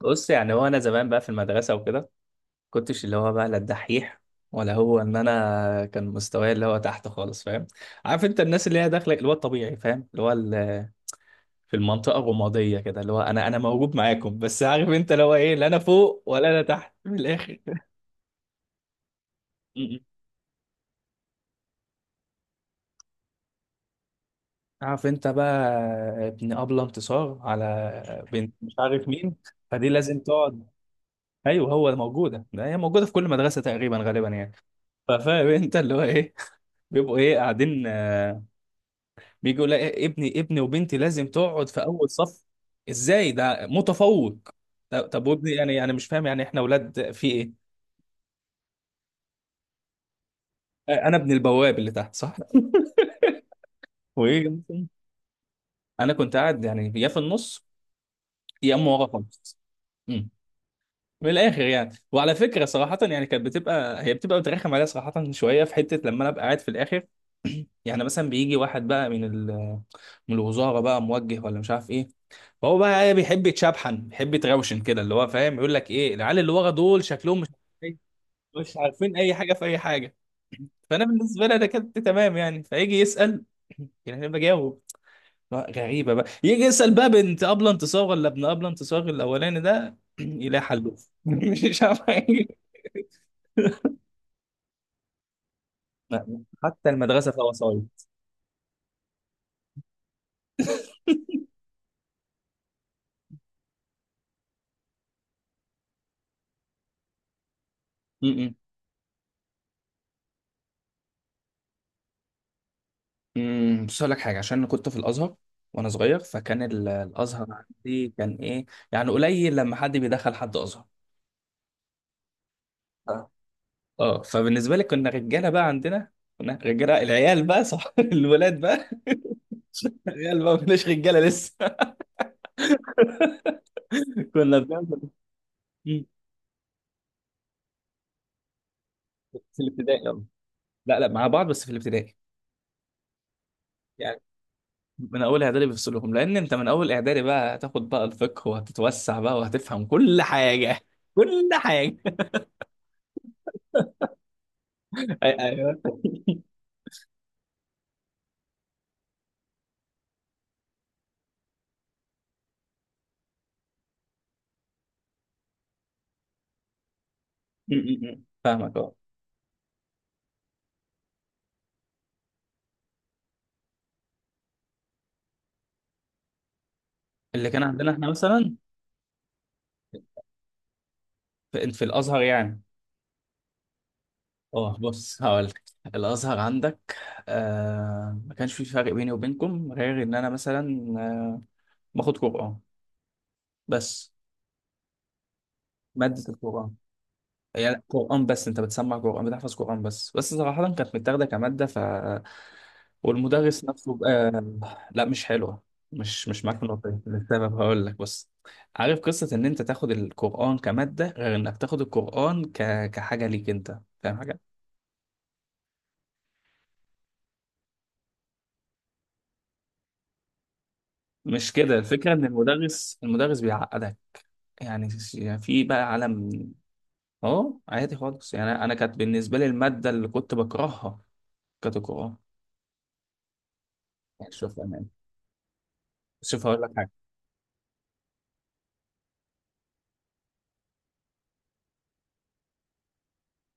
بص، يعني هو انا زمان بقى في المدرسه وكده، كنتش اللي هو بقى لا الدحيح، ولا هو ان انا كان مستواي اللي هو تحت خالص، فاهم؟ عارف انت الناس اللي هي داخله اللي هو الطبيعي، فاهم؟ اللي هو في المنطقه الرماديه كده، اللي هو انا موجود معاكم، بس عارف انت اللي هو ايه؟ لا انا فوق ولا انا تحت، من الاخر. م-م. عارف انت بقى؟ ابن ابله انتصار على بنت مش عارف مين، فدي لازم تقعد. ايوه، هو موجوده ده هي موجوده في كل مدرسه تقريبا غالبا يعني. ففاهم انت اللي هو ايه؟ بيبقوا ايه قاعدين. بيجي يقول لي ابني وبنتي لازم تقعد في اول صف. ازاي؟ ده متفوق. طب طب، وابني يعني؟ انا مش فاهم يعني احنا اولاد في ايه؟ انا ابن البواب اللي تحت صح. وايه مثلاً؟ انا كنت قاعد يعني، يا في النص يا اما ورا خالص. أمم. من الاخر يعني. وعلى فكره، صراحه يعني كانت بتبقى هي بتبقى بترخم عليا، صراحه شويه، في حته لما انا ابقى قاعد في الاخر. يعني مثلا بيجي واحد بقى من من الوزاره، بقى موجه ولا مش عارف ايه. فهو بقى ايه، بيحب يتشبحن، بيحب يتروشن كده، اللي هو فاهم، يقول لك ايه، العيال اللي ورا دول شكلهم مش عارفين اي حاجه في اي حاجه. فانا بالنسبه لي، انا كنت تمام يعني. فيجي يسال، يعني انا بجاوب. لا، غريبه بقى، يجي يسال بقى بنت ابله انتصار ولا ابن ابله انتصار الاولاني ده، يلاقي حلوف. مش عارف حاجه. لا، حتى المدرسه فيها وسايط. م-م. بص اقول لك حاجه، عشان انا كنت في الازهر وانا صغير، فكان الازهر عندي كان ايه يعني؟ قليل لما حد بيدخل حد ازهر. اه. اه، فبالنسبه لي كنا رجاله بقى، عندنا كنا رجاله، العيال بقى صح. الولاد بقى. العيال بقى، ما كناش رجاله لسه. كنا بنعمل. مم. في الابتدائي يلا. لا لا، مع بعض بس في الابتدائي يعني. من اول اعدادي بيفصلهم، لان انت من اول اعدادي بقى هتاخد بقى الفقه، وهتتوسع بقى، وهتفهم كل حاجه. كل حاجه. ايوه. مم، مم، مم. فاهمك، اه. اللي كان عندنا احنا مثلا، في الازهر يعني. اه، بص هقولك، الازهر عندك، ما كانش في فرق بيني وبينكم، غير ان انا مثلا باخد قران بس، ماده القران. يعني قران بس، انت بتسمع قران، بتحفظ قران، بس صراحه كانت متاخده كماده. ف، والمدرس نفسه لا، مش حلوه. مش معاك في النقطه دي، للسبب هقول لك. بص، عارف قصه ان انت تاخد القران كماده غير انك تاخد القران كحاجه ليك انت، فاهم حاجه؟ مش كده الفكره، ان المدرس بيعقدك يعني. في بقى عالم اه عادي خالص يعني. انا كانت بالنسبه لي الماده اللي كنت بكرهها كانت القران. يعني شوف، امان شوف هقول لك حاجه.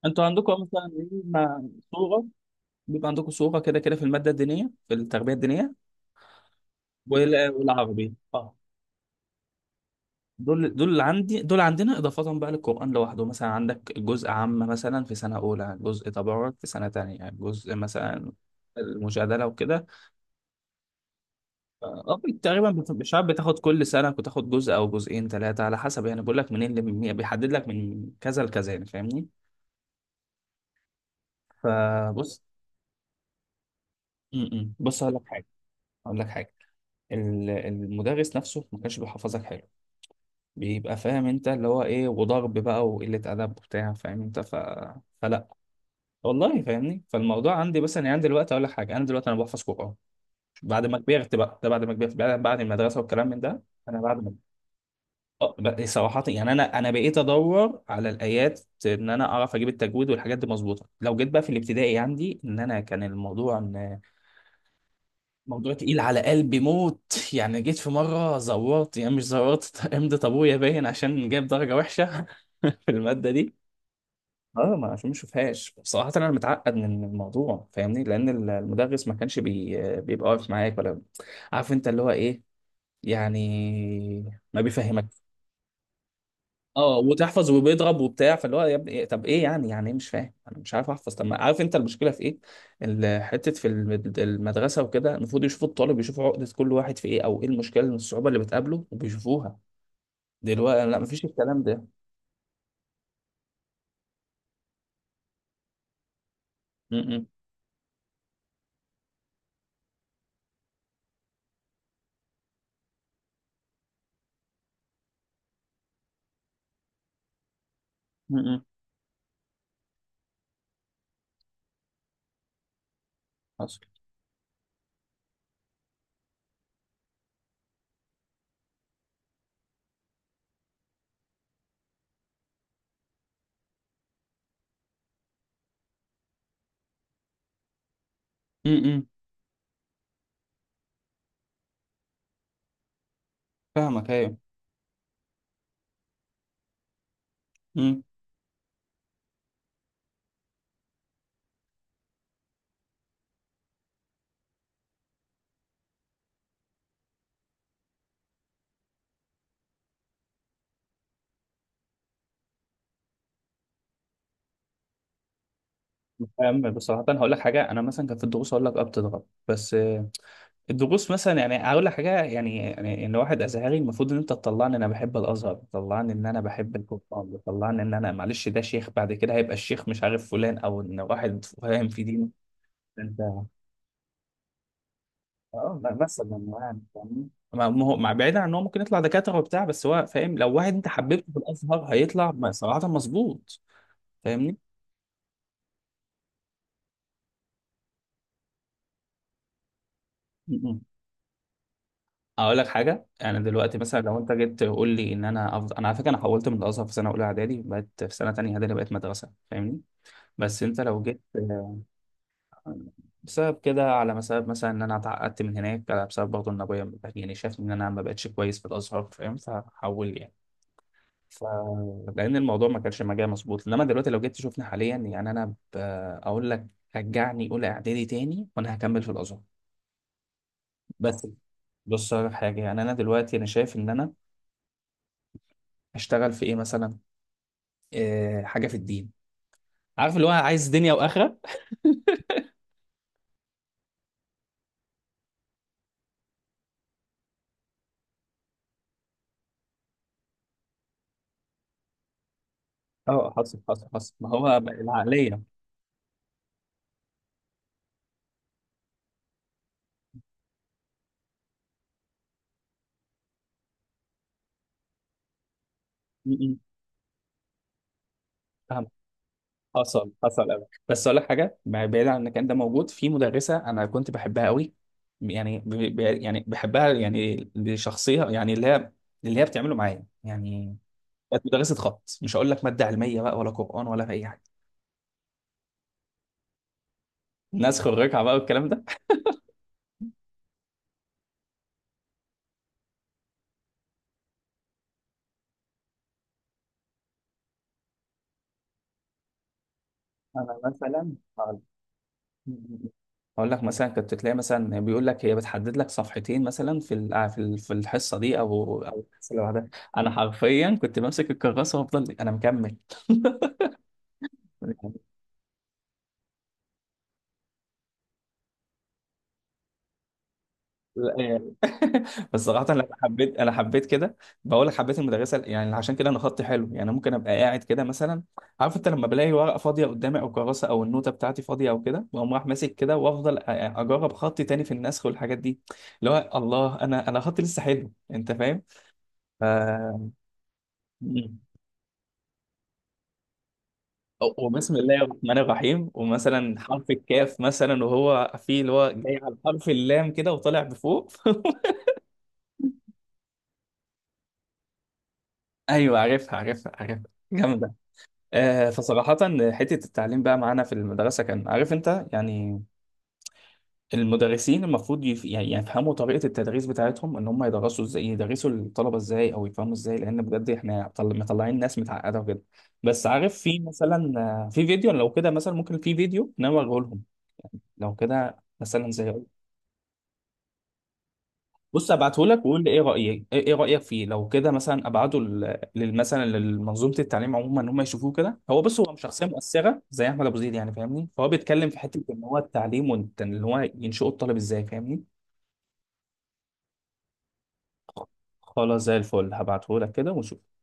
انتوا عندكم مثلا إيه، صوره؟ بيبقى عندكم صوره كده كده في الماده الدينيه، في التربيه الدينيه والعربي، اه. دول اللي عندي، دول عندنا اضافه بقى للقران لوحده. مثلا عندك جزء عامه مثلا في سنه اولى، جزء تبارك في سنه تانية، جزء مثلا المجادله وكده. اه تقريبا، مش عارف، بتاخد كل سنه، بتاخد جزء او جزئين ثلاثه على حسب يعني. بقول لك منين اللي بيحدد لك من كذا لكذا يعني، فاهمني؟ فبص. م- م. بص هقول لك حاجه، هقول لك حاجه المدرس نفسه ما كانش بيحفظك حلو، بيبقى فاهم انت اللي هو ايه، وضرب بقى، وقله ادب وبتاع، فاهم انت؟ فلا والله، فاهمني؟ فالموضوع عندي، بس انا عندي دلوقتي اقول لك حاجه، انا دلوقتي انا بحفظ قران بعد ما كبرت بقى، ده بعد ما كبرت بعد المدرسه والكلام من ده. انا بعد ما صراحة يعني، أنا بقيت أدور على الآيات، إن أنا أعرف أجيب التجويد والحاجات دي مظبوطة. لو جيت بقى في الابتدائي عندي، إن أنا كان الموضوع إن موضوع تقيل على قلبي موت. يعني جيت في مرة زورت، يعني مش زورت، امضي أبويا باين، عشان جايب درجة وحشة في المادة دي. اه، ما عشان ما اشوفهاش، بصراحة انا متعقد من الموضوع، فاهمني؟ لان المدرس ما كانش بيبقى واقف معاك، ولا عارف انت اللي هو ايه، يعني ما بيفهمكش. اه، وتحفظ، وبيضرب وبتاع. فاللي هو يا ابني إيه؟ طب ايه يعني؟ يعني ايه مش فاهم؟ انا مش عارف احفظ، طب ما عارف انت المشكله في ايه. حته في المدرسه وكده المفروض يشوفوا الطالب، يشوفوا عقده كل واحد في ايه، او ايه المشكله من الصعوبه اللي بتقابله، وبيشوفوها. دلوقتي لا، مفيش الكلام ده. امم. امم. حصل. امم. فاهمك، ايوه. امم. فاهم بصراحه. أنا هقول لك حاجه، انا مثلا كان في الدروس اقول لك، بتضرب بس. الدروس مثلا، يعني هقول لك حاجه يعني ان واحد ازهري، المفروض ان انت تطلعني ان انا بحب الازهر، تطلعني ان انا بحب القران، تطلعني ان انا معلش ده شيخ بعد كده، هيبقى الشيخ مش عارف فلان، او ان واحد فاهم في دينه. انت اه، لا مثلا، يعني فاهمني؟ ما هو مع بعيد عن ان هو ممكن يطلع دكاتره وبتاع، بس هو فاهم، لو واحد انت حببته في الازهر هيطلع صراحه مظبوط، فاهمني؟ م- م. اقول لك حاجه، انا دلوقتي مثلا لو انت جيت تقول لي ان انا انا على فكره انا حولت من الازهر في سنه اولى اعدادي، بقت في سنه تانيه اعدادي، بقت مدرسه، فاهمني؟ بس انت لو جيت بسبب كده، على بسبب مثلا ان انا اتعقدت من هناك، على بسبب برضه ان ابويا يعني شافني ان انا ما بقتش كويس في الازهر، فاهم؟ فحول يعني. ف، لان الموضوع ما كانش مجال مظبوط، انما دلوقتي لو جيت تشوفني حاليا يعني انا اقول لك، رجعني اولى اعدادي تاني وانا هكمل في الازهر، بس. بص على حاجه يعني، انا دلوقتي انا شايف ان انا اشتغل في ايه مثلا، إيه حاجه في الدين. عارف اللي هو عايز دنيا واخره. اه، حصل حصل حصل، ما هو العقليه. م- م. فاهمك. حصل حصل قوي، بس اقول لك حاجه، بعيد عن المكان ده، موجود في مدرسه انا كنت بحبها قوي. يعني يعني بحبها يعني لشخصيه يعني، اللي هي بتعمله معايا يعني. كانت مدرسه خط، مش هقول لك ماده علميه بقى، ولا قران ولا اي حاجه، ناس خريجه بقى والكلام ده. انا مثلا هقول لك مثلا، كنت تلاقي مثلا بيقول لك، هي بتحدد لك صفحتين مثلا في في الحصه دي او الحصه اللي بعدها. انا حرفيا كنت بمسك الكراسه وافضل انا مكمل. لا يعني. بس صراحة انا حبيت كده. بقول لك حبيت المدرسة يعني، عشان كده انا خطي حلو يعني، ممكن ابقى قاعد كده مثلا. عارف انت، لما بلاقي ورقة فاضية قدامي، او كراسة، او النوتة بتاعتي فاضية او كده، واقوم رايح ماسك كده، وافضل اجرب خطي تاني في النسخ والحاجات دي، اللي هو الله، انا خطي لسه حلو، انت فاهم؟ ف... مم. وبسم الله الرحمن الرحيم، ومثلا حرف الكاف مثلا، وهو فيه اللي هو جاي على حرف اللام كده وطالع بفوق. ايوه عارفها عارفها عارفها، جامد. فصراحة حتة التعليم بقى معانا في المدرسة، كان عارف انت يعني المدرسين المفروض يعني يفهموا طريقة التدريس بتاعتهم، ان هم يدرسوا ازاي، يدرسوا الطلبة ازاي، او يفهموا ازاي، لان بجد احنا مطلعين ناس متعقدة وكده. بس عارف، في مثلا في فيديو لو كده مثلا، ممكن في فيديو ان انا اوريه لهم، لو كده مثلا زي، بص ابعته لك وقول لي ايه رايك، ايه إيه رايك فيه لو كده مثلا، ابعته مثلا لمنظومه التعليم عموما، ان هم يشوفوه كده. هو بص، هو مش شخصيه مؤثره زي احمد ابو زيد يعني، فاهمني؟ فهو بيتكلم في حته ان هو التعليم، وان هو ينشئوا الطالب ازاي، فاهمني؟ خلاص زي الفل، هبعته لك كده ونشوف.